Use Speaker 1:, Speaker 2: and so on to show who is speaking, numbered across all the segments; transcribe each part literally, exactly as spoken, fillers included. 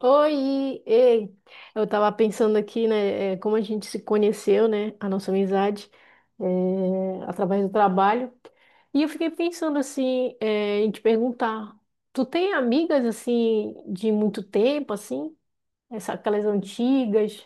Speaker 1: Oi, ei, eu tava pensando aqui, né, é, como a gente se conheceu, né, a nossa amizade, é, através do trabalho. E eu fiquei pensando, assim, é, em te perguntar, tu tem amigas, assim, de muito tempo, assim, Essa- aquelas antigas?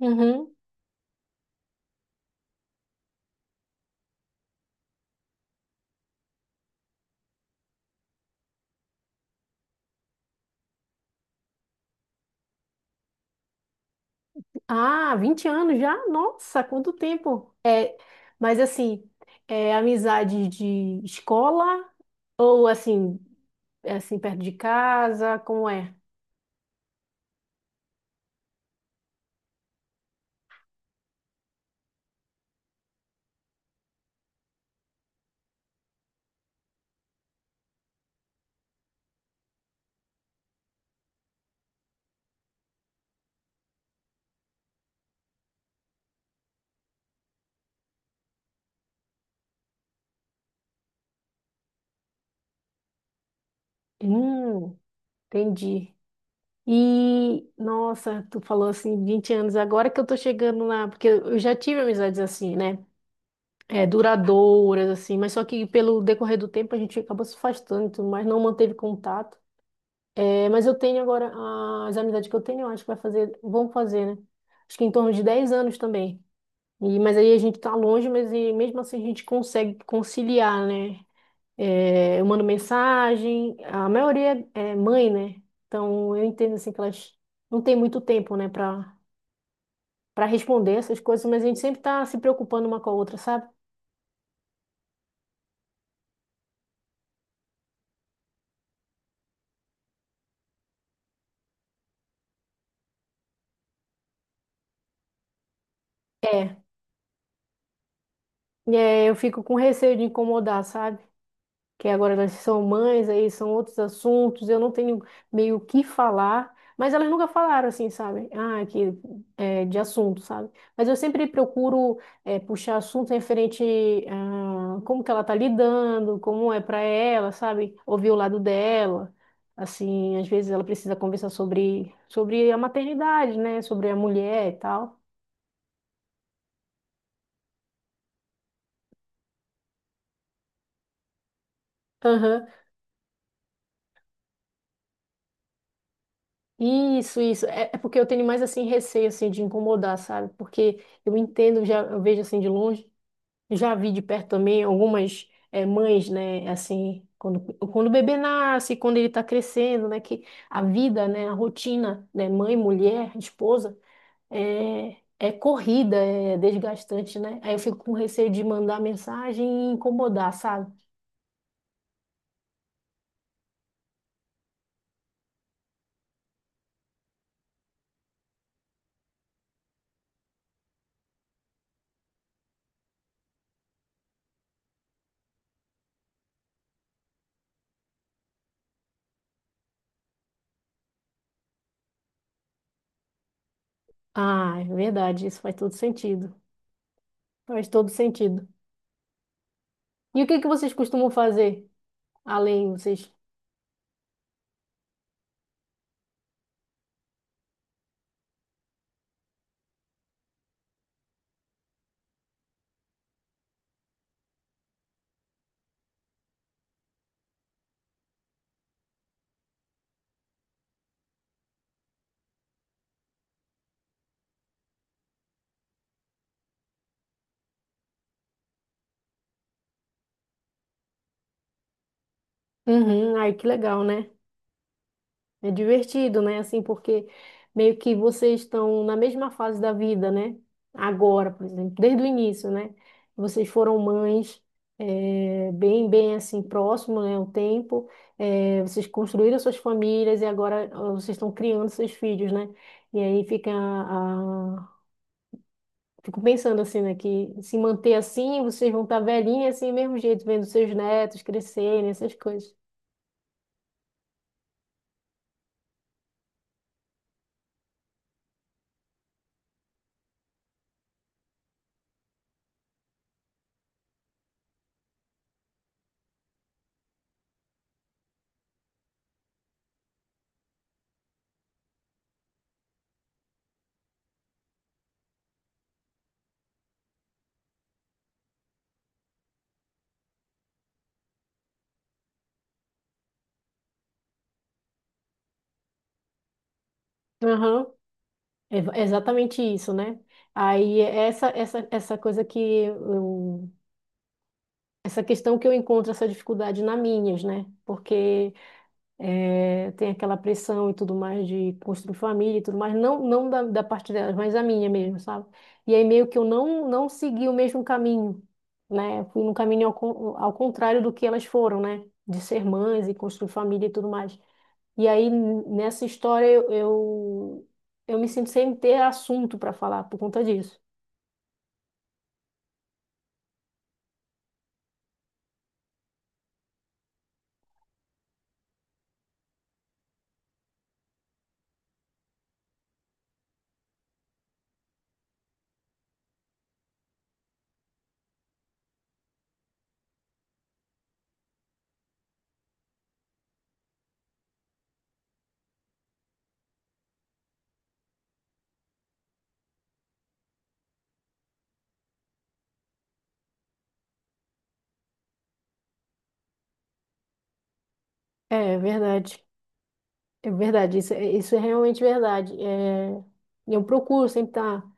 Speaker 1: Uhum. Ah, vinte anos já? Nossa, quanto tempo! É, mas, assim, é amizade de escola ou, assim, é, assim, perto de casa, como é? Hum, entendi. E, nossa, tu falou assim, vinte anos, agora que eu tô chegando na. Porque eu eu já tive amizades assim, né? É, duradouras, assim, mas só que pelo decorrer do tempo a gente acabou se afastando, e tudo mais não manteve contato. É, mas eu tenho agora, as amizades que eu tenho, eu acho que vai fazer, vão fazer, né? Acho que em torno de dez anos também. E, mas aí a gente tá longe, mas e mesmo assim a gente consegue conciliar, né? É, eu mando mensagem, a maioria é mãe, né? Então eu entendo assim que elas não têm muito tempo, né, para para responder essas coisas, mas a gente sempre tá se preocupando uma com a outra, sabe? É, e é, eu fico com receio de incomodar, sabe? Que agora elas são mães, aí são outros assuntos, eu não tenho meio o que falar, mas elas nunca falaram assim, sabe? Ah, que é, de assunto, sabe? Mas eu sempre procuro é, puxar assunto referente a como que ela tá lidando, como é para ela, sabe? Ouvir o lado dela. Assim, às vezes ela precisa conversar sobre, sobre a maternidade, né? Sobre a mulher e tal. Aham. Isso, isso. É, é porque eu tenho mais assim receio assim de incomodar, sabe? Porque eu entendo, já eu vejo assim de longe, já vi de perto também algumas eh, mães, né? Assim, quando, quando o bebê nasce, quando ele está crescendo, né? Que a vida, né? A rotina, né? Mãe, mulher, esposa, é, é corrida, é desgastante, né? Aí eu fico com receio de mandar mensagem e incomodar, sabe? Ah, é verdade. Isso faz todo sentido. Faz todo sentido. E o que que vocês costumam fazer? Além, vocês. Uhum, ai, que legal, né? É divertido, né? Assim, porque meio que vocês estão na mesma fase da vida, né? Agora, por exemplo, desde o início, né? Vocês foram mães, é, bem, bem assim, próximo, né? O tempo. É, vocês construíram suas famílias e agora ah, vocês estão criando seus filhos, né? E aí fica a... Fico pensando assim, né? Que se manter assim, vocês vão estar velhinhas assim, mesmo jeito, vendo seus netos crescerem, essas coisas. Aham. É va- é exatamente isso, né? Aí essa essa essa coisa que eu, essa questão que eu encontro essa dificuldade na Minas, né? Porque eh, tem aquela pressão e tudo mais de construir família e tudo mais, não não da, da parte delas, mas a minha mesmo, sabe? E aí meio que eu não não segui o mesmo caminho, né? Fui num caminho ao, con- ao contrário do que elas foram, né? De ser mães e construir família e tudo mais. E aí, n- nessa história, eu, eu, eu me sinto sem ter assunto para falar por conta disso. É, é verdade. É verdade. Isso, é- isso é realmente verdade. É, eu procuro sempre estar tá,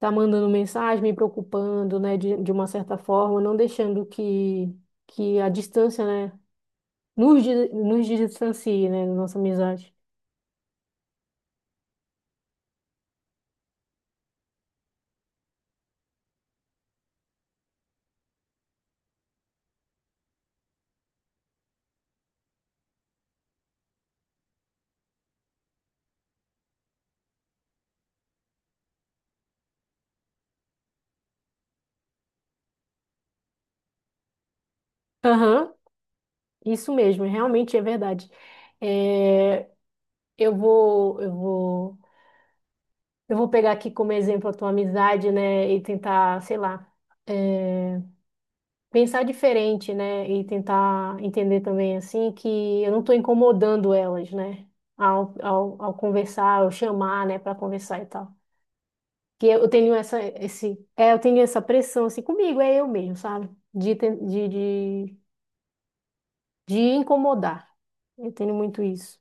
Speaker 1: tá mandando mensagem, me preocupando, né, de, de uma certa forma, não deixando que, que a distância, né, nos, di- nos distancie, né, da nossa amizade. Aham, isso mesmo, realmente é verdade. É, eu vou, eu vou. Eu vou pegar aqui como exemplo a tua amizade, né? E tentar, sei lá, eh, pensar diferente, né? E tentar entender também, assim, que eu não estou incomodando elas, né? Ao, ao, ao conversar, ao chamar, né? Para conversar e tal. Que eu eu tenho essa, esse, é, eu tenho essa pressão, assim, comigo, é eu mesmo, sabe? De, ten- de, de, de incomodar. Eu tenho muito isso.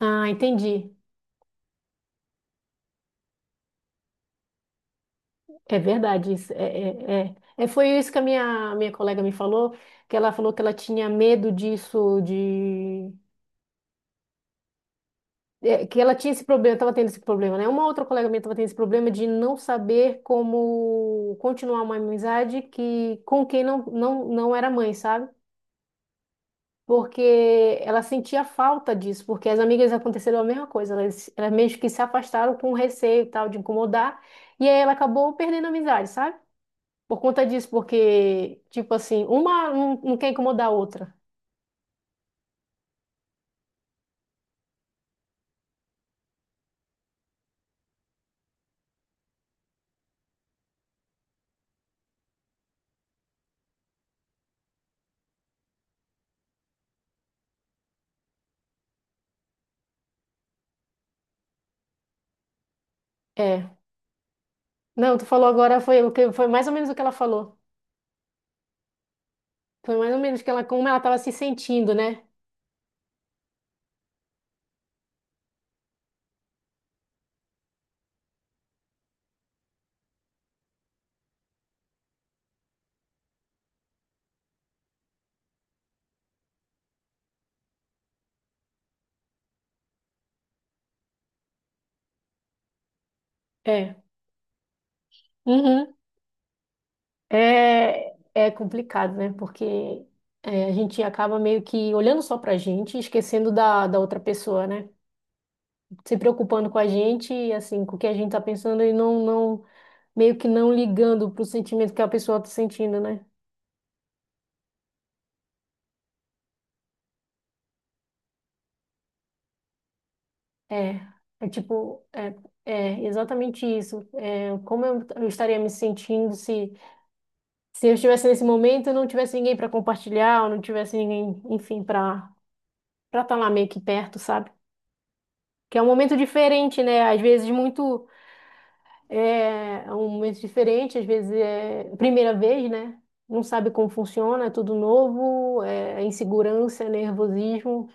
Speaker 1: Ah, entendi. É verdade isso. É, é, é. É, foi isso que a minha, minha colega me falou, que ela falou que ela tinha medo disso, de... é, que ela tinha esse problema, estava tendo esse problema, né? Uma outra colega minha estava tendo esse problema de não saber como continuar uma amizade que, com quem não, não, não era mãe, sabe? Porque ela sentia falta disso, porque as amigas aconteceram a mesma coisa, elas, elas meio que se afastaram com receio e tal de incomodar, e aí ela acabou perdendo a amizade, sabe? Por conta disso, porque, tipo assim, uma não, não quer incomodar a outra. É. Não, tu falou agora, foi, o que, foi mais ou menos o que ela falou. Foi mais ou menos que ela, como ela estava se sentindo, né? É. Uhum. É, é complicado, né? Porque é, a gente acaba meio que olhando só pra gente, e esquecendo da, da outra pessoa, né? Se preocupando com a gente, e assim, com o que a gente tá pensando e não, não, meio que não ligando pro sentimento que a pessoa tá sentindo, né? É, é tipo, é, é exatamente isso. É, como eu, eu estaria me sentindo se, se eu estivesse nesse momento e não tivesse ninguém para compartilhar, ou não tivesse ninguém, enfim, para para estar lá meio que perto, sabe? Que é um momento diferente, né? Às vezes muito é, é um momento diferente, às vezes é primeira vez, né? Não sabe como funciona, é tudo novo, é é insegurança, é nervosismo.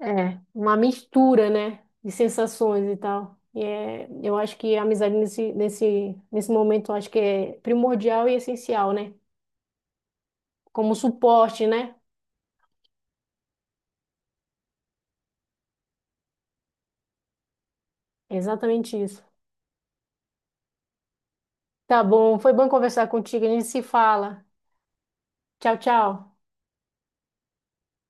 Speaker 1: É, uma mistura, né, de sensações e tal. E é, eu acho que a amizade nesse, nesse, nesse momento, eu acho que é primordial e essencial, né? Como suporte, né? É exatamente isso. Tá bom, foi bom conversar contigo, a gente se fala. Tchau, tchau.